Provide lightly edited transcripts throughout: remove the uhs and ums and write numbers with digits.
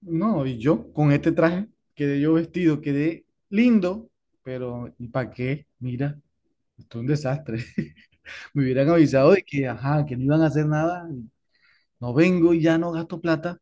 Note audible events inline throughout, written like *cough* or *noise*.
No, y yo con este traje quedé yo vestido, quedé lindo, pero ¿y para qué? Mira, esto es un desastre. *laughs* Me hubieran avisado de que, ajá, que no iban a hacer nada, no vengo y ya no gasto plata,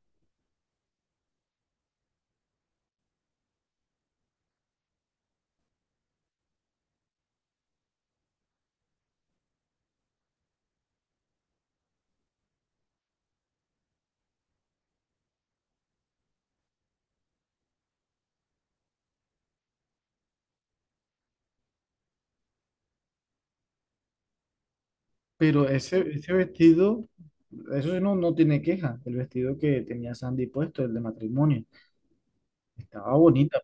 pero ese vestido, eso sí no, no tiene queja, el vestido que tenía Sandy puesto, el de matrimonio, estaba bonita.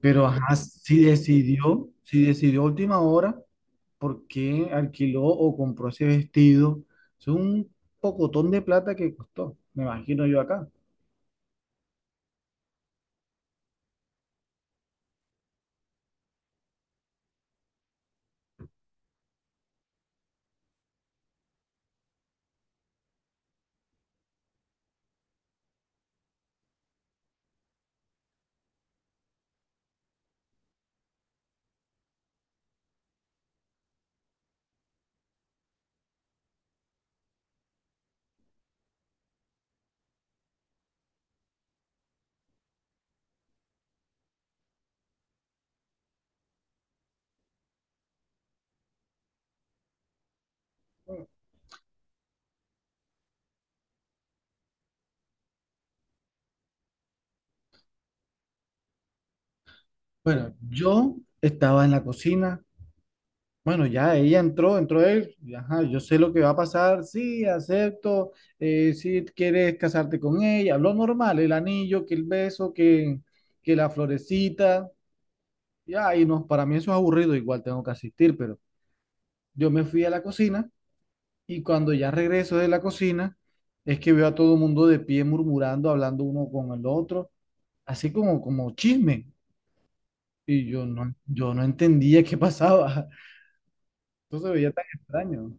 Pero ajá, si decidió a última hora, ¿por qué alquiló o compró ese vestido? Es un pocotón de plata que costó, me imagino yo acá. Bueno, yo estaba en la cocina. Bueno, ya ella entró, entró él. Y ajá, yo sé lo que va a pasar. Sí, acepto. Si quieres casarte con ella, lo normal, el anillo, que el beso, que la florecita. Ya, y no, para mí eso es aburrido, igual tengo que asistir, pero yo me fui a la cocina. Y cuando ya regreso de la cocina, es que veo a todo el mundo de pie murmurando, hablando uno con el otro, así como chisme. Y yo no entendía qué *laughs* pasaba. Eso se veía tan extraño.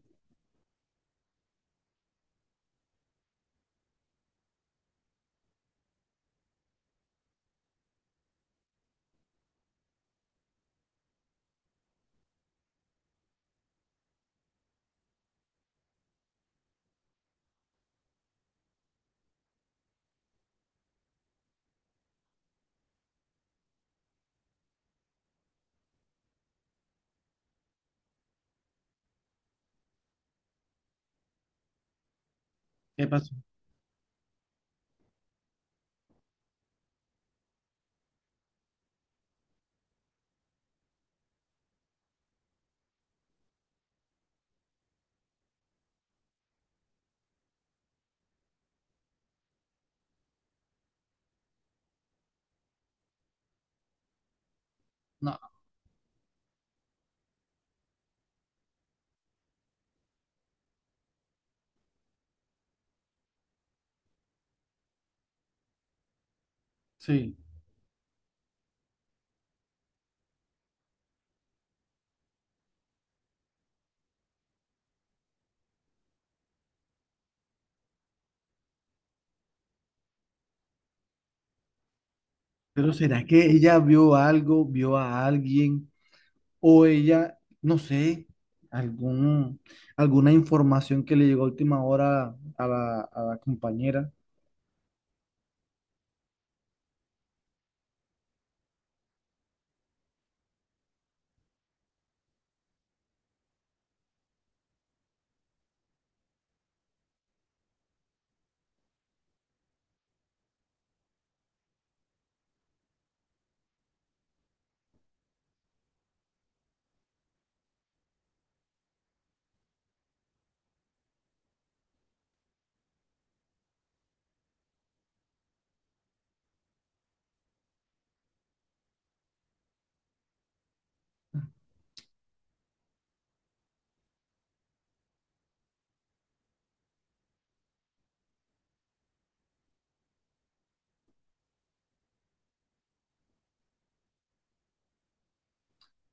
¿Qué pasó? No, sí. Pero ¿será que ella vio algo, vio a alguien? O ella, no sé, algún, alguna información que le llegó a última hora a la compañera.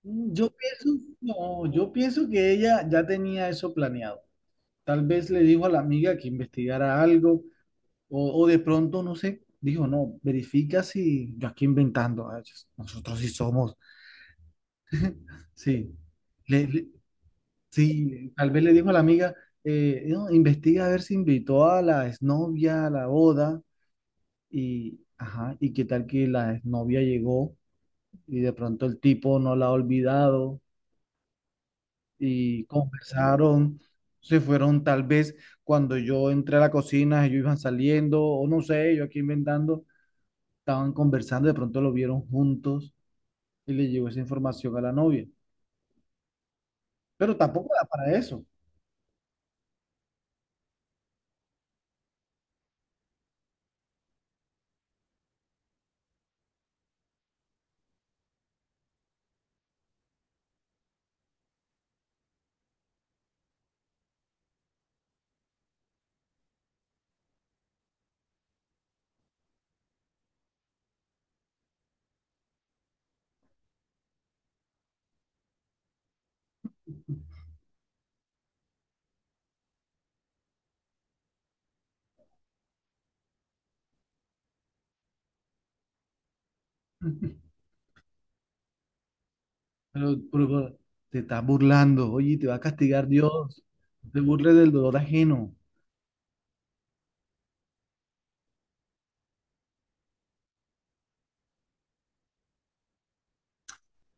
Yo pienso, no, yo pienso que ella ya tenía eso planeado. Tal vez le dijo a la amiga que investigara algo, o de pronto, no sé, dijo, no, verifica si yo aquí inventando, ah, chis, nosotros sí somos, sí. Le- le- sí, tal vez le dijo a la amiga, no, investiga a ver si invitó a la exnovia a la boda, y, ajá, y qué tal que la exnovia llegó y de pronto el tipo no la ha olvidado, y conversaron, se fueron tal vez cuando yo entré a la cocina, ellos iban saliendo, o no sé, yo aquí inventando, estaban conversando, de pronto lo vieron juntos y le llegó esa información a la novia. Pero tampoco da para eso. *laughs* Pero, pero, pero, te estás burlando, oye, te va a castigar Dios, te burles del dolor ajeno.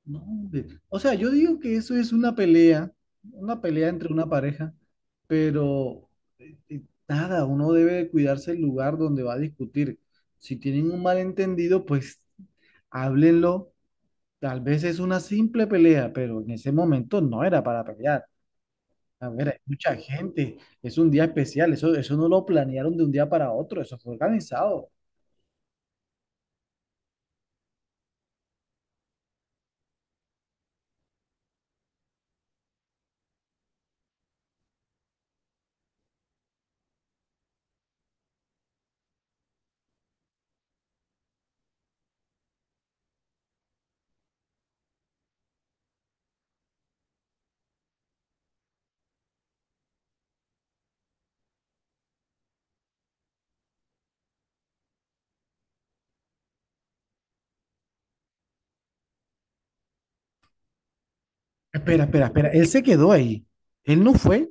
No, hombre. O sea, yo digo que eso es una pelea entre una pareja, pero eh, eh, nada, uno debe cuidarse el lugar donde va a discutir. Si tienen un malentendido, pues háblenlo. Tal vez es una simple pelea, pero en ese momento no era para pelear. A ver, hay mucha gente, es un día especial, eso no lo planearon de un día para otro, eso fue organizado. Espera, espera, espera, él se quedó ahí, él no fue.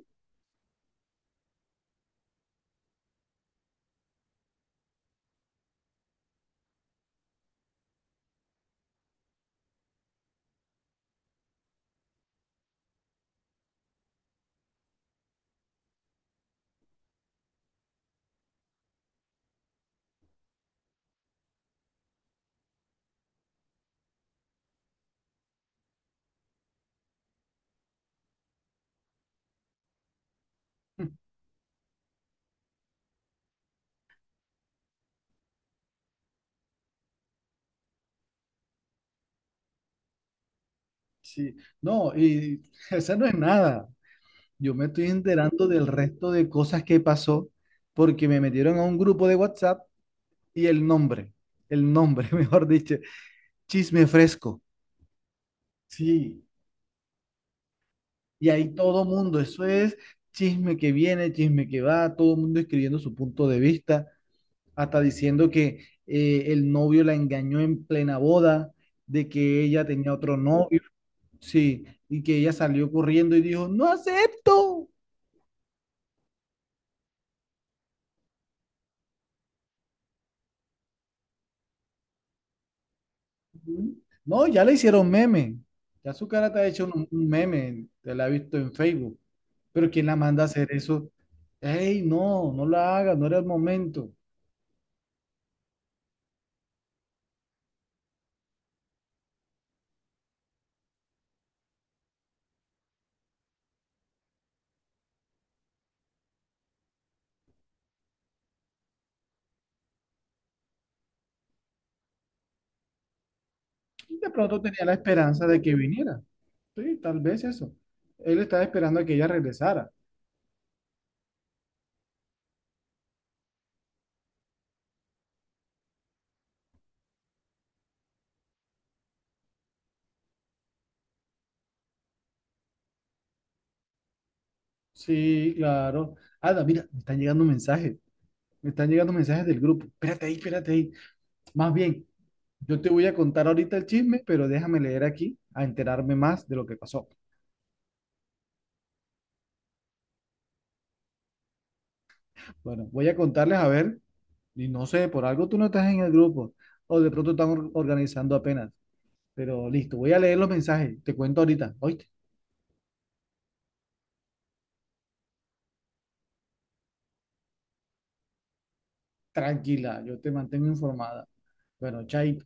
*laughs* Sí, no, y *laughs* esa no es nada. Yo me estoy enterando del resto de cosas que pasó porque me metieron a un grupo de WhatsApp y el nombre, *laughs* mejor dicho, chisme fresco. Sí, y ahí todo mundo, eso es chisme que viene, chisme que va, todo el mundo escribiendo su punto de vista, hasta diciendo que el novio la engañó en plena boda, de que ella tenía otro novio, sí, y que ella salió corriendo y dijo, no acepto. Mm. No, ya le hicieron meme. Ya su cara te ha hecho un meme, te la ha visto en Facebook. Pero ¿quién la manda a hacer eso? Ey, no, no la haga, no era el momento. Y de pronto tenía la esperanza de que viniera. Sí, tal vez eso. Él estaba esperando a que ella regresara. Sí, claro. Ada, mira, me están llegando mensajes. Me están llegando mensajes del grupo. Espérate ahí, espérate ahí. Más bien, yo te voy a contar ahorita el chisme, pero déjame leer aquí a enterarme más de lo que pasó. Bueno, voy a contarles a ver. Y no sé, por algo tú no estás en el grupo. O de pronto están organizando apenas. Pero listo, voy a leer los mensajes. Te cuento ahorita. Oíste, tranquila, yo te mantengo informada. Bueno, chaito.